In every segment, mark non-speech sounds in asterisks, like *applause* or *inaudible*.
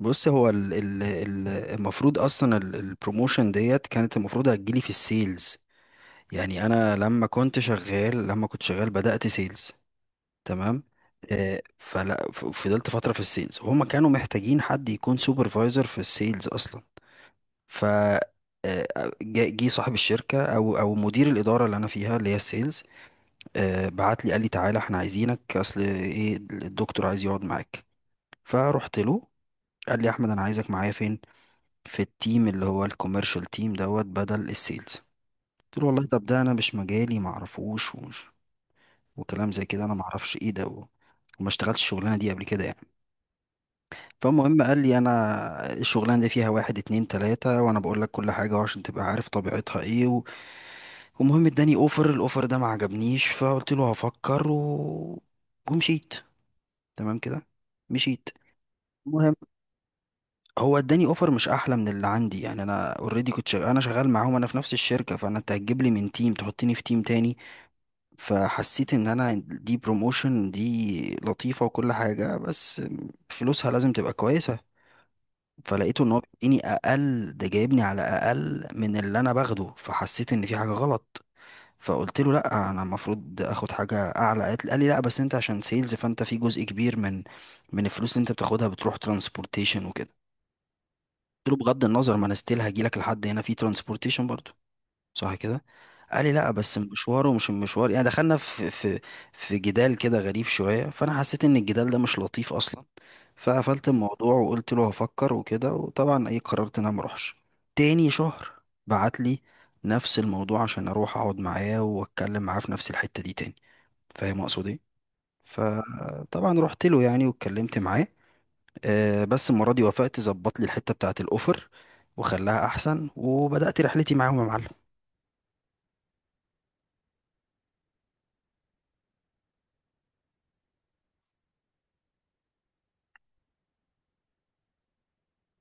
بص، هو ال المفروض اصلا البروموشن ديت كانت المفروض هتجيلي في السيلز. يعني انا لما كنت شغال بدأت سيلز. تمام. فضلت فترة في السيلز وهما كانوا محتاجين حد يكون سوبرفايزر في السيلز اصلا. ف آه، جه جه صاحب الشركة او مدير الإدارة اللي انا فيها اللي هي السيلز. بعت لي قال لي: تعالى، احنا عايزينك، اصل ايه الدكتور عايز يقعد معاك. فروحت له. قال لي: احمد، انا عايزك معايا فين؟ في التيم اللي هو الكوميرشال تيم دوت بدل السيلز. قلت له: والله طب ده انا مش مجالي معرفوش ومش، وكلام زي كده انا معرفش ايه ده وما اشتغلتش الشغلانه دي قبل كده يعني. فالمهم قال لي: انا الشغلانه دي فيها واحد اتنين تلاته وانا بقول لك كل حاجه عشان تبقى عارف طبيعتها ايه ومهم اداني اوفر. الاوفر ده ما عجبنيش، فقلت له هفكر ومشيت. تمام كده، مشيت. المهم، هو اداني اوفر مش احلى من اللي عندي. يعني انا اوريدي كنت شغال، انا شغال معاهم، انا في نفس الشركه، فانا انت هتجيب لي من تيم تحطني في تيم تاني. فحسيت ان انا دي بروموشن دي لطيفه وكل حاجه، بس فلوسها لازم تبقى كويسه. فلقيته ان هو بيديني اقل، ده جايبني على اقل من اللي انا باخده، فحسيت ان في حاجه غلط. فقلت له: لا، انا المفروض اخد حاجه اعلى. قال لي: لا بس انت عشان سيلز، فانت في جزء كبير من الفلوس اللي انت بتاخدها بتروح ترانسبورتيشن وكده. قلت له: بغض النظر، ما انا ستيل هجيلك لحد هنا في ترانسبورتيشن برضو، صح كده؟ قال لي: لا بس المشوار ومش المشوار. يعني دخلنا في في في جدال كده غريب شوية، فانا حسيت ان الجدال ده مش لطيف اصلا. فقفلت الموضوع وقلت له هفكر وكده، وطبعا ايه قررت ان انا ما اروحش. تاني شهر بعت لي نفس الموضوع عشان اروح اقعد معاه واتكلم معاه في نفس الحتة دي تاني، فاهم اقصد ايه؟ فطبعا رحت له يعني واتكلمت معاه. بس المرة دي وافقت، ظبط لي الحتة بتاعة الأوفر وخلاها أحسن، وبدأت رحلتي معاهم يا معلم.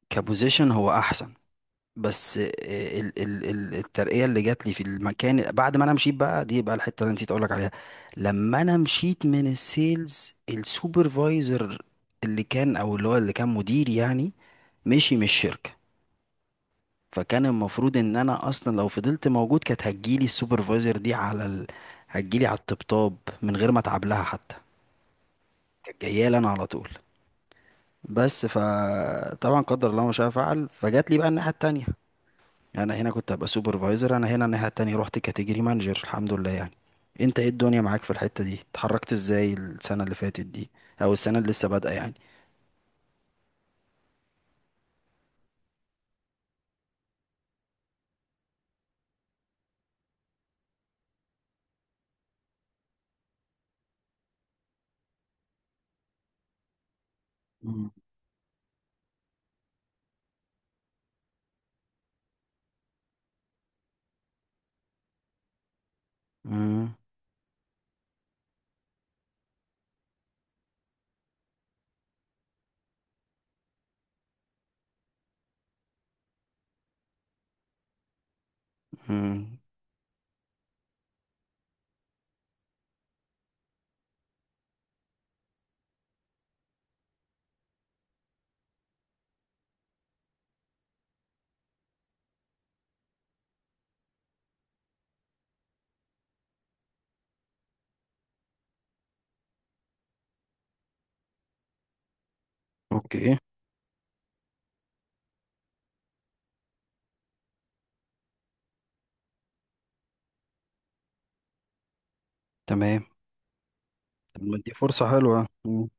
كبوزيشن هو أحسن، بس ال ال ال الترقية اللي جات لي في المكان بعد ما أنا مشيت بقى، دي بقى الحتة اللي أنا نسيت أقولك عليها. لما أنا مشيت من السيلز، السوبرفايزر اللي كان، أو اللي هو اللي كان مدير يعني، مشي من الشركة. فكان المفروض ان انا اصلا لو فضلت موجود كانت هتجيلي السوبرفايزر دي على هتجيلي على الطبطاب من غير ما اتعب لها حتى، كانت جايه لي انا على طول. بس فطبعا قدر الله ما شاء فعل، فجات لي بقى الناحيه التانية. يعني انا هنا كنت هبقى سوبرفايزر، انا هنا الناحيه التانية رحت كاتيجوري مانجر، الحمد لله يعني. انت ايه الدنيا معاك في الحته دي؟ اتحركت ازاي السنه اللي فاتت دي او السنه اللي لسه بادئه يعني؟ مم. مم. مم. اوكي. تمام. طب ما دي فرصه حلوه. مم.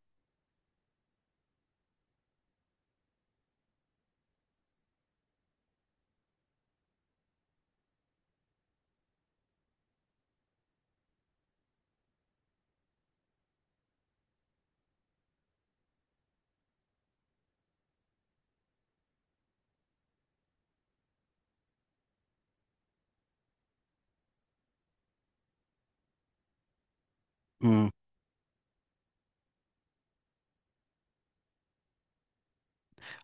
مم.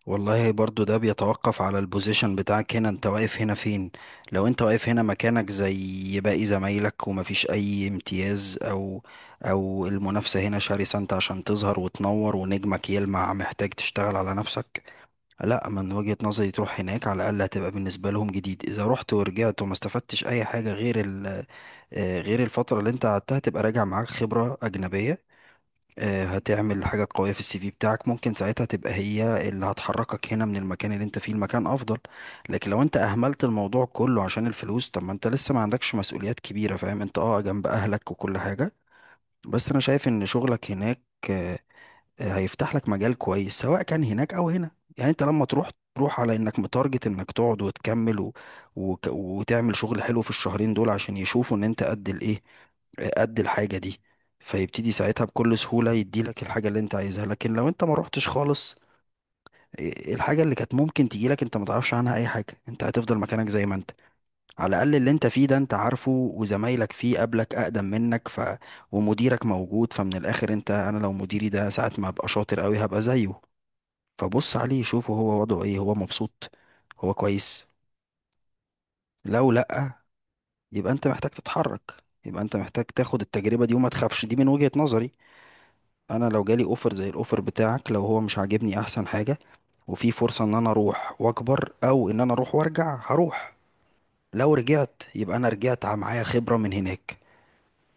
والله برضو ده بيتوقف على البوزيشن بتاعك، هنا انت واقف هنا فين؟ لو انت واقف هنا مكانك زي باقي زمايلك ومفيش اي امتياز، او المنافسة هنا شرسة، انت عشان تظهر وتنور ونجمك يلمع محتاج تشتغل على نفسك. لا، من وجهة نظري تروح هناك، على الاقل هتبقى بالنسبة لهم جديد. اذا رحت ورجعت وما استفدتش اي حاجة غير ال، غير الفترة اللي انت قعدتها، تبقى راجع معاك خبرة اجنبية. هتعمل حاجة قوية في السي في بتاعك، ممكن ساعتها تبقى هي اللي هتحركك هنا من المكان اللي انت فيه لمكان افضل. لكن لو انت اهملت الموضوع كله عشان الفلوس، طب ما انت لسه ما عندكش مسؤوليات كبيرة فاهم؟ انت اه جنب اهلك وكل حاجة، بس انا شايف ان شغلك هناك آه، هيفتح لك مجال كويس، سواء كان هناك او هنا. يعني انت لما تروح، تروح على انك متارجت انك تقعد وتكمل وتعمل شغل حلو في الشهرين دول عشان يشوفوا ان انت قد الايه، قد الحاجة دي. فيبتدي ساعتها بكل سهولة يديلك الحاجة اللي انت عايزها. لكن لو انت ما روحتش خالص، الحاجة اللي كانت ممكن تجيلك انت ما تعرفش عنها اي حاجة، انت هتفضل مكانك زي ما انت. على الأقل اللي أنت فيه ده أنت عارفه وزمايلك فيه قبلك أقدم منك، ومديرك موجود. فمن الآخر أنت، أنا لو مديري ده ساعة ما أبقى شاطر أوي هبقى زيه. فبص عليه شوفه، هو وضعه إيه؟ هو مبسوط؟ هو كويس؟ لو لأ، يبقى أنت محتاج تتحرك. يبقى أنت محتاج تاخد التجربة دي وما تخافش. دي من وجهة نظري. أنا لو جالي أوفر زي الأوفر بتاعك، لو هو مش عاجبني أحسن حاجة، وفي فرصة إن أنا أروح وأكبر أو إن أنا أروح وأرجع، هروح. لو رجعت يبقى أنا رجعت معايا خبرة من هناك،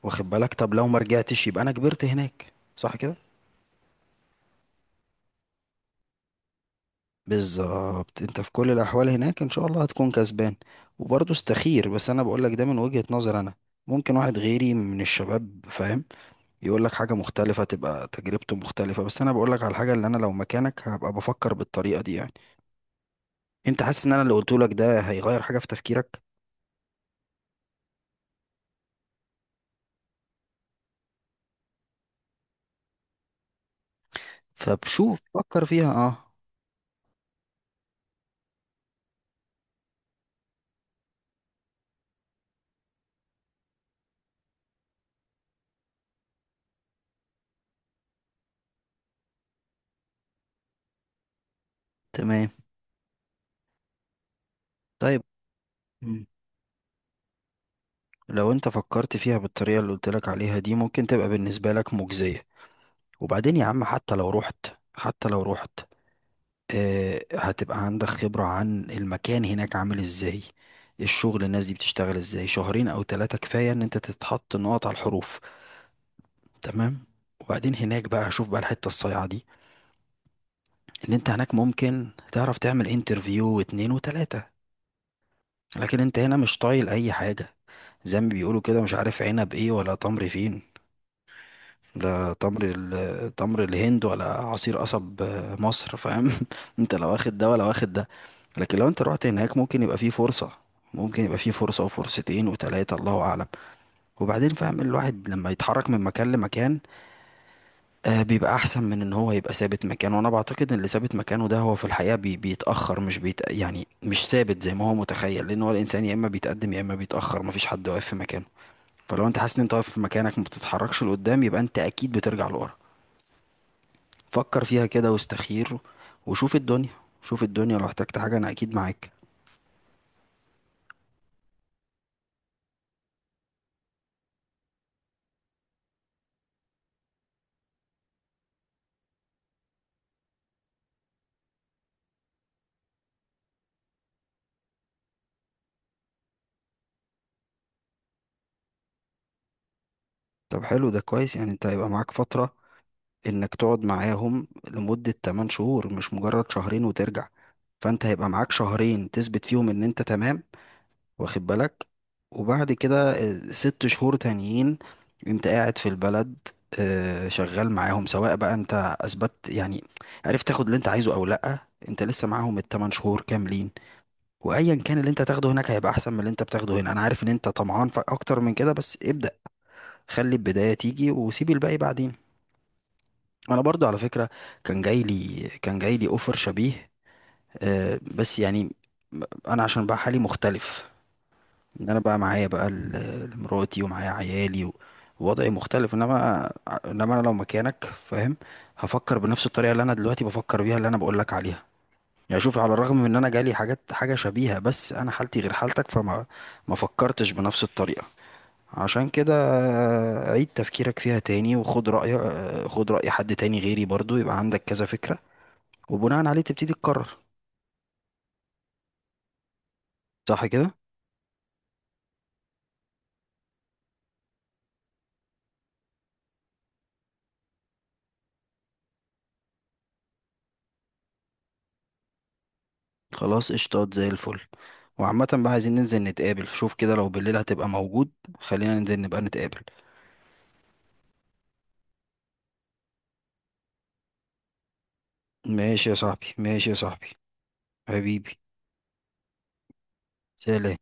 واخد بالك؟ طب لو ما رجعتش، يبقى انا كبرت هناك صح كده؟ بالظبط، انت في كل الاحوال هناك ان شاء الله هتكون كسبان. وبرضه استخير، بس انا بقول لك ده من وجهة نظر انا. ممكن واحد غيري من الشباب فاهم يقول لك حاجة مختلفة، تبقى تجربته مختلفة، بس انا بقول لك على الحاجة اللي انا لو مكانك هبقى بفكر بالطريقة دي يعني. انت حاسس ان انا اللي قلته لك ده هيغير حاجة في تفكيرك؟ فبشوف فكر فيها اه. تمام. طيب. مم. لو انت فكرت فيها بالطريقة اللي قلت لك عليها دي ممكن تبقى بالنسبة لك مجزية. وبعدين يا عم حتى لو رحت، حتى لو رحت آه هتبقى عندك خبرة عن المكان هناك عامل ازاي، الشغل الناس دي بتشتغل ازاي. شهرين او ثلاثة كفاية ان انت تتحط نقط على الحروف، تمام. وبعدين هناك بقى، شوف بقى الحتة الصايعة دي، ان انت هناك ممكن تعرف تعمل انترفيو واتنين وتلاتة، لكن انت هنا مش طايل اي حاجة. زي ما بيقولوا كده، مش عارف عنب ايه ولا تمر فين. لا، تمر الهند ولا عصير قصب مصر، فاهم؟ *laughs* انت لا واخد ده ولا واخد ده. لكن لو انت رحت هناك ممكن يبقى فيه فرصة. ممكن يبقى فيه فرصة وفرصتين وتلاتة، الله أعلم. وبعدين فاهم، الواحد لما يتحرك من مكان لمكان آه بيبقى أحسن من إن هو يبقى ثابت مكانه. وأنا بعتقد إن اللي ثابت مكانه ده هو في الحقيقة بيتأخر، مش يعني مش ثابت زي ما هو متخيل، لأن هو الإنسان يا إما بيتقدم يا إما بيتأخر، مفيش حد واقف في مكانه. فلو أنت حاسس إن أنت واقف في مكانك ما بتتحركش لقدام، يبقى أنت أكيد بترجع لورا. فكر فيها كده واستخير، وشوف الدنيا. شوف الدنيا، لو احتجت حاجة أنا أكيد معاك. طب حلو، ده كويس. يعني أنت هيبقى معاك فترة إنك تقعد معاهم لمدة 8 شهور مش مجرد شهرين وترجع. فأنت هيبقى معاك شهرين تثبت فيهم إن أنت تمام، واخد بالك. وبعد كده ست شهور تانيين أنت قاعد في البلد، شغال معاهم. سواء بقى أنت أثبت يعني، عرفت تاخد اللي أنت عايزه أو لأ، أنت لسه معاهم التمن شهور كاملين. وايا كان اللي انت هتاخده هناك هيبقى احسن من اللي انت بتاخده هنا. انا عارف ان انت طمعان في اكتر من كده، بس ابدأ. خلي البداية تيجي وسيب الباقي بعدين. انا برضو على فكرة كان جاي لي اوفر شبيه، بس يعني انا عشان بقى حالي مختلف، ان انا بقى معايا بقى مراتي ومعايا عيالي ووضعي مختلف. انما انا لو مكانك فاهم هفكر بنفس الطريقة اللي انا دلوقتي بفكر بيها اللي انا بقول لك عليها. يعني شوف، على الرغم من ان انا جالي حاجات حاجة شبيهة، بس انا حالتي غير حالتك، ما فكرتش بنفس الطريقة. عشان كده عيد تفكيرك فيها تاني وخد رأي، خد رأي حد تاني غيري برضو، يبقى عندك كذا فكرة. وبناء عليه تبتدي تقرر، صح كده؟ خلاص قشطات زي الفل. وعامة بقى عايزين ننزل نتقابل، شوف كده لو بالليل هتبقى موجود خلينا ننزل نبقى نتقابل. ماشي يا صاحبي، ماشي يا صاحبي، حبيبي. سلام.